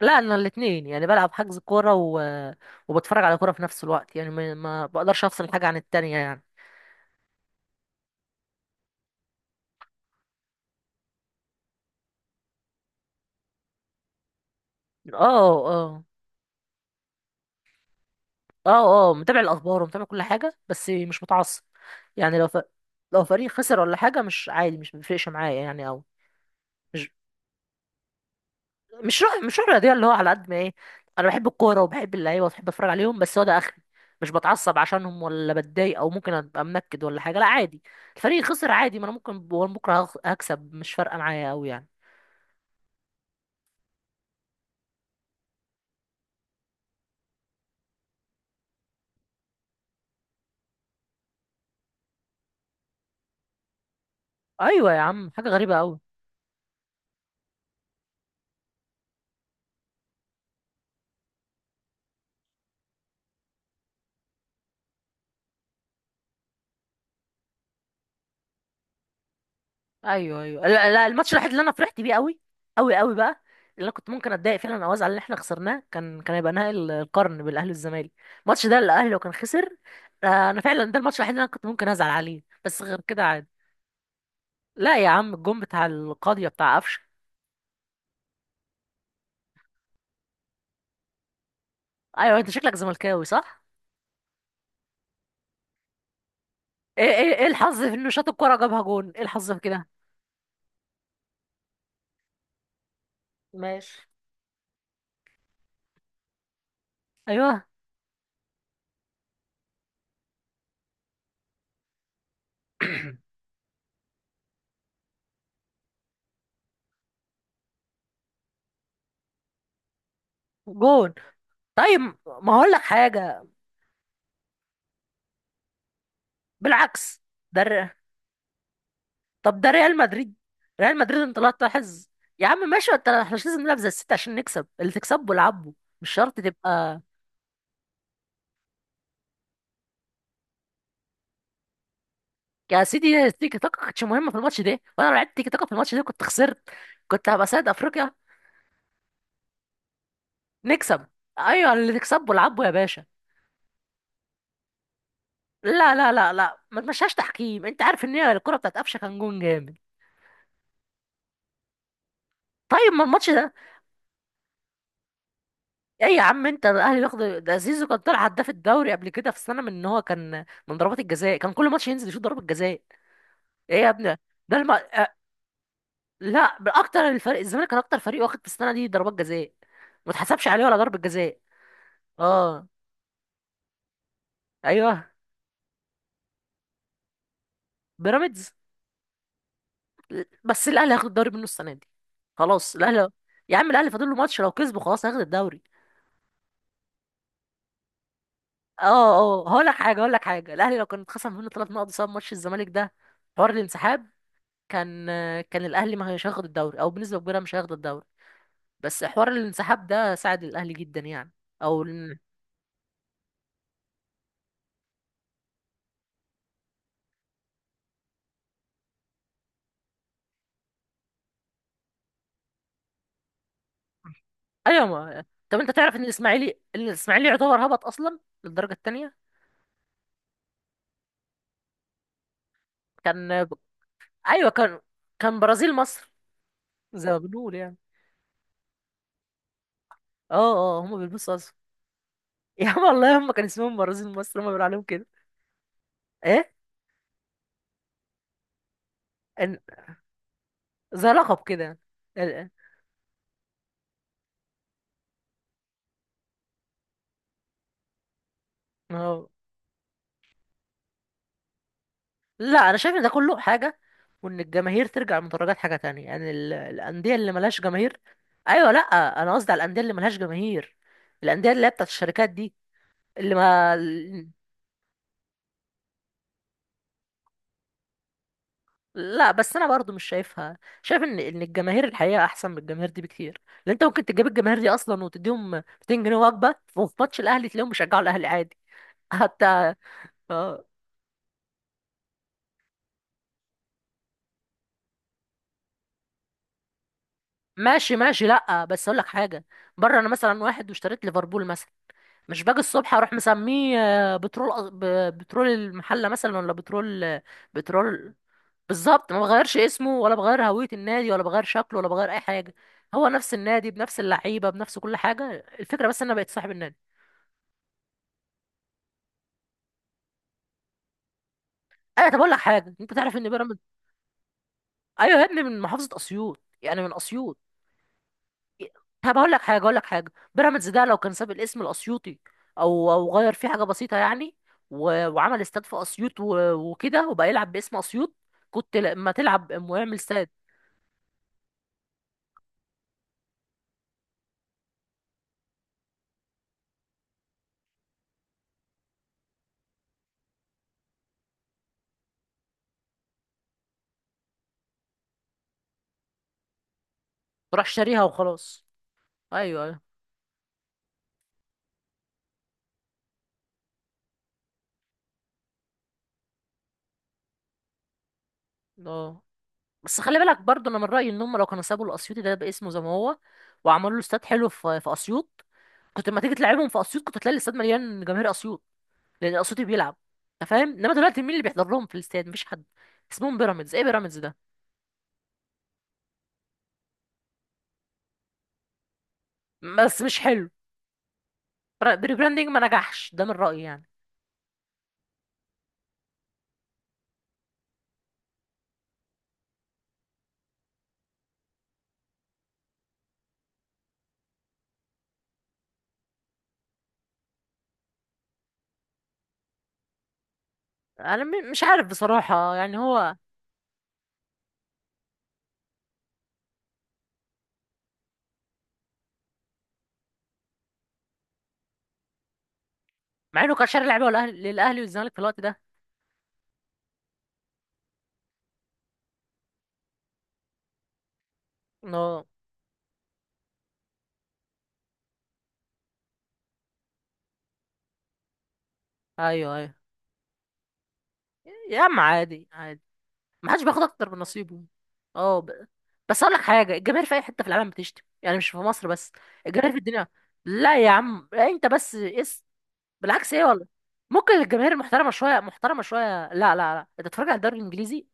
لا، انا الاثنين يعني بلعب حجز كوره و... وبتفرج على كوره في نفس الوقت، يعني ما بقدرش افصل حاجه عن التانية يعني. اه، اه، اه، اه، متابع الاخبار ومتابع كل حاجه، بس مش متعصب. يعني لو فريق خسر ولا حاجه مش عادي، مش بيفرقش معايا يعني، او مش مش روح رياضيه اللي هو على قد ما ايه. انا بحب الكوره وبحب اللعيبه وبحب اتفرج عليهم، بس هو ده اخري. مش بتعصب عشانهم ولا بتضايق، او ممكن ابقى منكد ولا حاجه، لا عادي. الفريق خسر عادي، ما انا ممكن بكره هكسب، مش فارقه معايا قوي يعني. ايوه يا عم، حاجه غريبه قوي. ايوه، ايوه، لا، لا، الماتش الوحيد اللي انا فرحت بيه قوي قوي قوي بقى، اللي انا كنت ممكن اتضايق فعلا او ازعل ان احنا خسرناه، كان هيبقى نهائي القرن بالاهلي والزمالك. الماتش ده الاهلي لو كان خسر، انا فعلا ده الماتش الوحيد اللي انا كنت ممكن ازعل عليه، بس غير كده عادي. لا يا عم، الجون بتاع القاضيه بتاع قفشه. ايوه، انت شكلك زملكاوي صح؟ ايه ايه ايه، الحظ في انه شاط الكوره جابها جون، ايه الحظ في كده؟ ماشي. ايوه. جون. طيب، ما هقول لك حاجه. بالعكس. ده طب ده ريال مدريد، ريال مدريد انت لا تلاحظ. يا عم ماشي، انت احنا مش لازم نلعب زي الست عشان نكسب، اللي تكسبه العبه. مش شرط تبقى. يا سيدي، التيكي تاكا كانتش مهمه في الماتش ده، وانا لو لعبت تيكي تاكا في الماتش ده كنت خسرت. كنت هبقى سيد افريقيا. نكسب. ايوه اللي تكسبه العبه يا باشا. لا لا لا لا، ما تمشيهاش تحكيم، انت عارف ان هي الكره بتاعت قفشه كان جون جامد. طيب، ما الماتش ده. ايه يا عم، انت الاهلي بياخد ده؟ زيزو كان طلع هداف الدوري قبل كده في السنه من ان هو كان من ضربات الجزاء، كان كل ماتش ينزل يشوط ضربه جزاء. ايه يا ابني؟ ده الم... آه، لا، اكتر الفريق الزمالك كان اكتر فريق واخد في السنه دي ضربات جزاء، ما اتحسبش عليه ولا ضربه جزاء. اه، ايوه، بيراميدز. بس الاهلي هياخد الدوري منه السنه دي. خلاص الاهلي. يا عم الاهلي فاضل له ماتش، لو كسبه خلاص هياخد الدوري. اه، اه، هقول لك حاجه، هقول لك حاجه، الاهلي لو كان اتخصم منه 3 نقط بسبب ماتش الزمالك ده، حوار الانسحاب، كان كان الاهلي ما هيش هياخد الدوري، او بنسبه كبيره مش هياخد الدوري. بس حوار الانسحاب ده ساعد الاهلي جدا يعني، او إن. ايوه، ما طب انت تعرف ان الاسماعيلي الاسماعيلي يعتبر هبط اصلا للدرجه الثانيه. كان. ايوه كان برازيل مصر. زي ما بنقول يعني. اه، اه، هم بيلبسوا اصفر. يا عم والله هم كان اسمهم برازيل مصر، هم بيقولوا عليهم كده. ايه. إن- زي لقب كده. ال- اه لا انا شايف ان ده كله حاجه، وان الجماهير ترجع المدرجات حاجه تانية يعني، الانديه اللي ملهاش جماهير. ايوه، لا انا قصدي على الانديه اللي ملهاش جماهير، الانديه اللي هي بتاعت الشركات دي، اللي ما... لا بس انا برضو مش شايفها، شايف ان الجماهير الحقيقه احسن من الجماهير دي بكتير. لان انت ممكن تجيب الجماهير دي اصلا وتديهم 200 جنيه وجبه، وفي ماتش الاهلي تلاقيهم بيشجعوا الاهلي عادي. حتى. اه، ماشي ماشي، لا بس اقول لك حاجه. بره انا مثلا واحد واشتريت ليفربول مثلا، مش باجي الصبح اروح مسميه بترول بترول المحله مثلا، ولا بترول بترول. بالظبط، ما بغيرش اسمه ولا بغير هويه النادي ولا بغير شكله ولا بغير اي حاجه. هو نفس النادي بنفس اللعيبه بنفس كل حاجه. الفكره بس ان انا بقيت صاحب النادي. ايوه، طب اقول لك حاجه، انت تعرف ان بيراميدز... ايوه يا ابني، من محافظه اسيوط يعني، من اسيوط. طب اقول لك حاجه، اقول لك حاجه، بيراميدز ده لو كان ساب الاسم الاسيوطي، او غير فيه حاجه بسيطه يعني، و... وعمل استاد في اسيوط، و... وكده وبقى يلعب باسم اسيوط، كنت لما تلعب ويعمل استاد تروح شاريها وخلاص. ايوه، ايوه. اه، بس خلي بالك برضه، انا من رايي ان هم لو كانوا سابوا الاسيوطي ده باسمه زي ما هو، وعملوا له استاد حلو في اسيوط، كنت لما تيجي تلعبهم في اسيوط كنت تلاقي الاستاد مليان جماهير اسيوط، لان صوتي بيلعب. انت فاهم، انما دلوقتي مين اللي بيحضر لهم في الاستاد؟ مفيش حد. اسمهم بيراميدز، ايه بيراميدز ده؟ بس مش حلو، بريبراندينج ما نجحش، ده من رايي يعني. انا مش عارف بصراحه يعني، هو مع انه كان شاري لعيبه للاهلي والزمالك في الوقت ده. اه. ايوه، ايوه. يا عم عادي عادي، ما حدش بياخد اكتر من نصيبه. اه، بس اقول لك حاجه، الجماهير في اي حته في العالم بتشتم يعني، مش في مصر بس. الجماهير في الدنيا. لا يا عم، انت بس. بالعكس، ايه والله. ممكن الجماهير محترمه شويه، محترمه شويه، لا لا لا، انت بتتفرج على الدوري الانجليزي.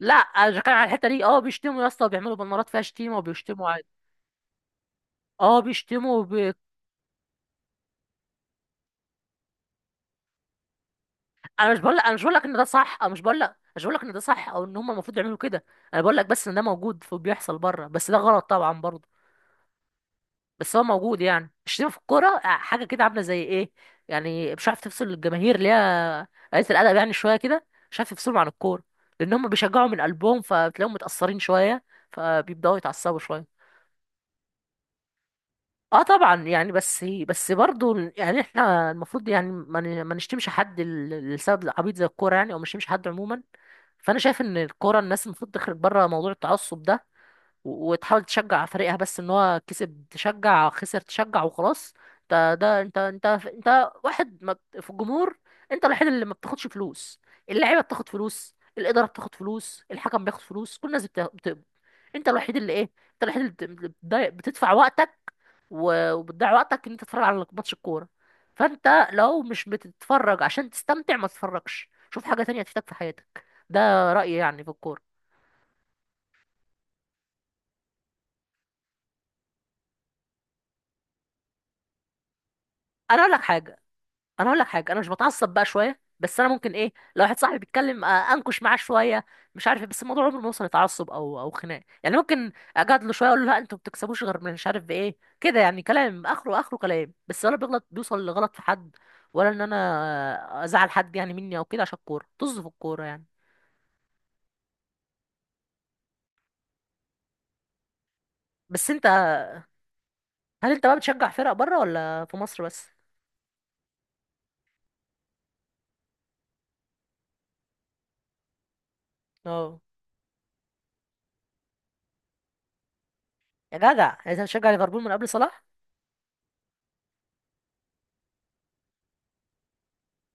لا، انا مش بتكلم على الحته دي، اه بيشتموا يا اسطى وبيعملوا بنارات فيها شتيمه وبيشتموا عادي. اه بيشتموا انا مش بقول لك، انا مش بقول لك ان ده صح، انا مش بقول لك، مش بقول لك ان ده صح او ان هم المفروض يعملوا كده. انا بقول لك بس ان ده موجود وبيحصل بره، بس ده غلط طبعا برضه. بس هو موجود، يعني الشتيمة في الكورة حاجة كده عاملة زي ايه، يعني مش عارف تفصل الجماهير اللي هي قلة الأدب يعني شوية كده، مش عارف تفصلهم عن الكورة، لأن هم بيشجعوا من قلبهم، فبتلاقيهم متأثرين شوية، فبيبدأوا يتعصبوا شوية. اه طبعا يعني، بس بس برضو يعني، احنا المفروض يعني ما نشتمش حد لسبب عبيط زي الكورة يعني، او مش نشتمش حد عموما. فانا شايف ان الكورة الناس المفروض تخرج بره موضوع التعصب ده، و- وتحاول تشجع فريقها بس، ان هو كسب تشجع خسر تشجع وخلاص. ده انت واحد ما بت- في الجمهور، انت الوحيد اللي ما بتاخدش فلوس، اللعيبه بتاخد فلوس، الاداره بتاخد فلوس، الحكم بياخد فلوس، كل الناس بتقبض، انت الوحيد اللي ايه، انت الوحيد اللي اللي بتدفع وقتك، و- وبتضيع وقتك ان انت تتفرج على ماتش الكوره. فانت لو مش بتتفرج عشان تستمتع، ما تتفرجش، شوف حاجه تانية تفيدك في حياتك. ده رايي يعني في الكوره. انا اقول لك حاجه. انا اقول لك حاجه، انا مش بتعصب بقى شويه، بس انا ممكن ايه لو واحد صاحبي بيتكلم انكش معاه شويه، مش عارف إيه، بس الموضوع عمره ما يوصل لتعصب او خناق يعني، ممكن اجادله شويه، اقول له لا انتوا ما بتكسبوش غير من مش عارف بايه كده يعني، كلام اخره اخره كلام بس، ولا بيغلط بيوصل لغلط في حد، ولا ان انا ازعل حد يعني مني او كده عشان الكوره، طز في الكوره يعني. بس انت، هل انت بقى بتشجع فرق بره ولا في مصر بس؟ اه. يا جدع يعني انت بتشجع ليفربول من قبل صلاح.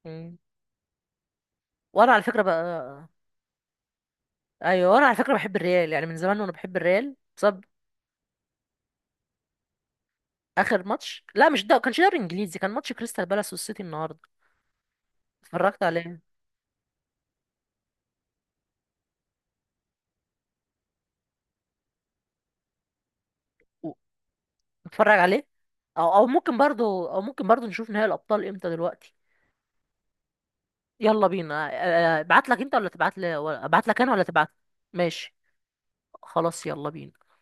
مم. وانا على فكره بقى. ايوه انا على فكره بحب الريال يعني من زمان، وانا بحب الريال بسبب... اخر ماتش لا، مش ده كانش دوري انجليزي، كان ماتش كريستال بالاس والسيتي النهارده. اتفرجت عليه. و- اتفرج عليه، او ممكن برضو نشوف نهائي الابطال امتى دلوقتي. يلا بينا. ابعت لك انت ولا تبعت لي، ابعت لك انا ولا تبعت. ماشي. خلاص يلا بينا.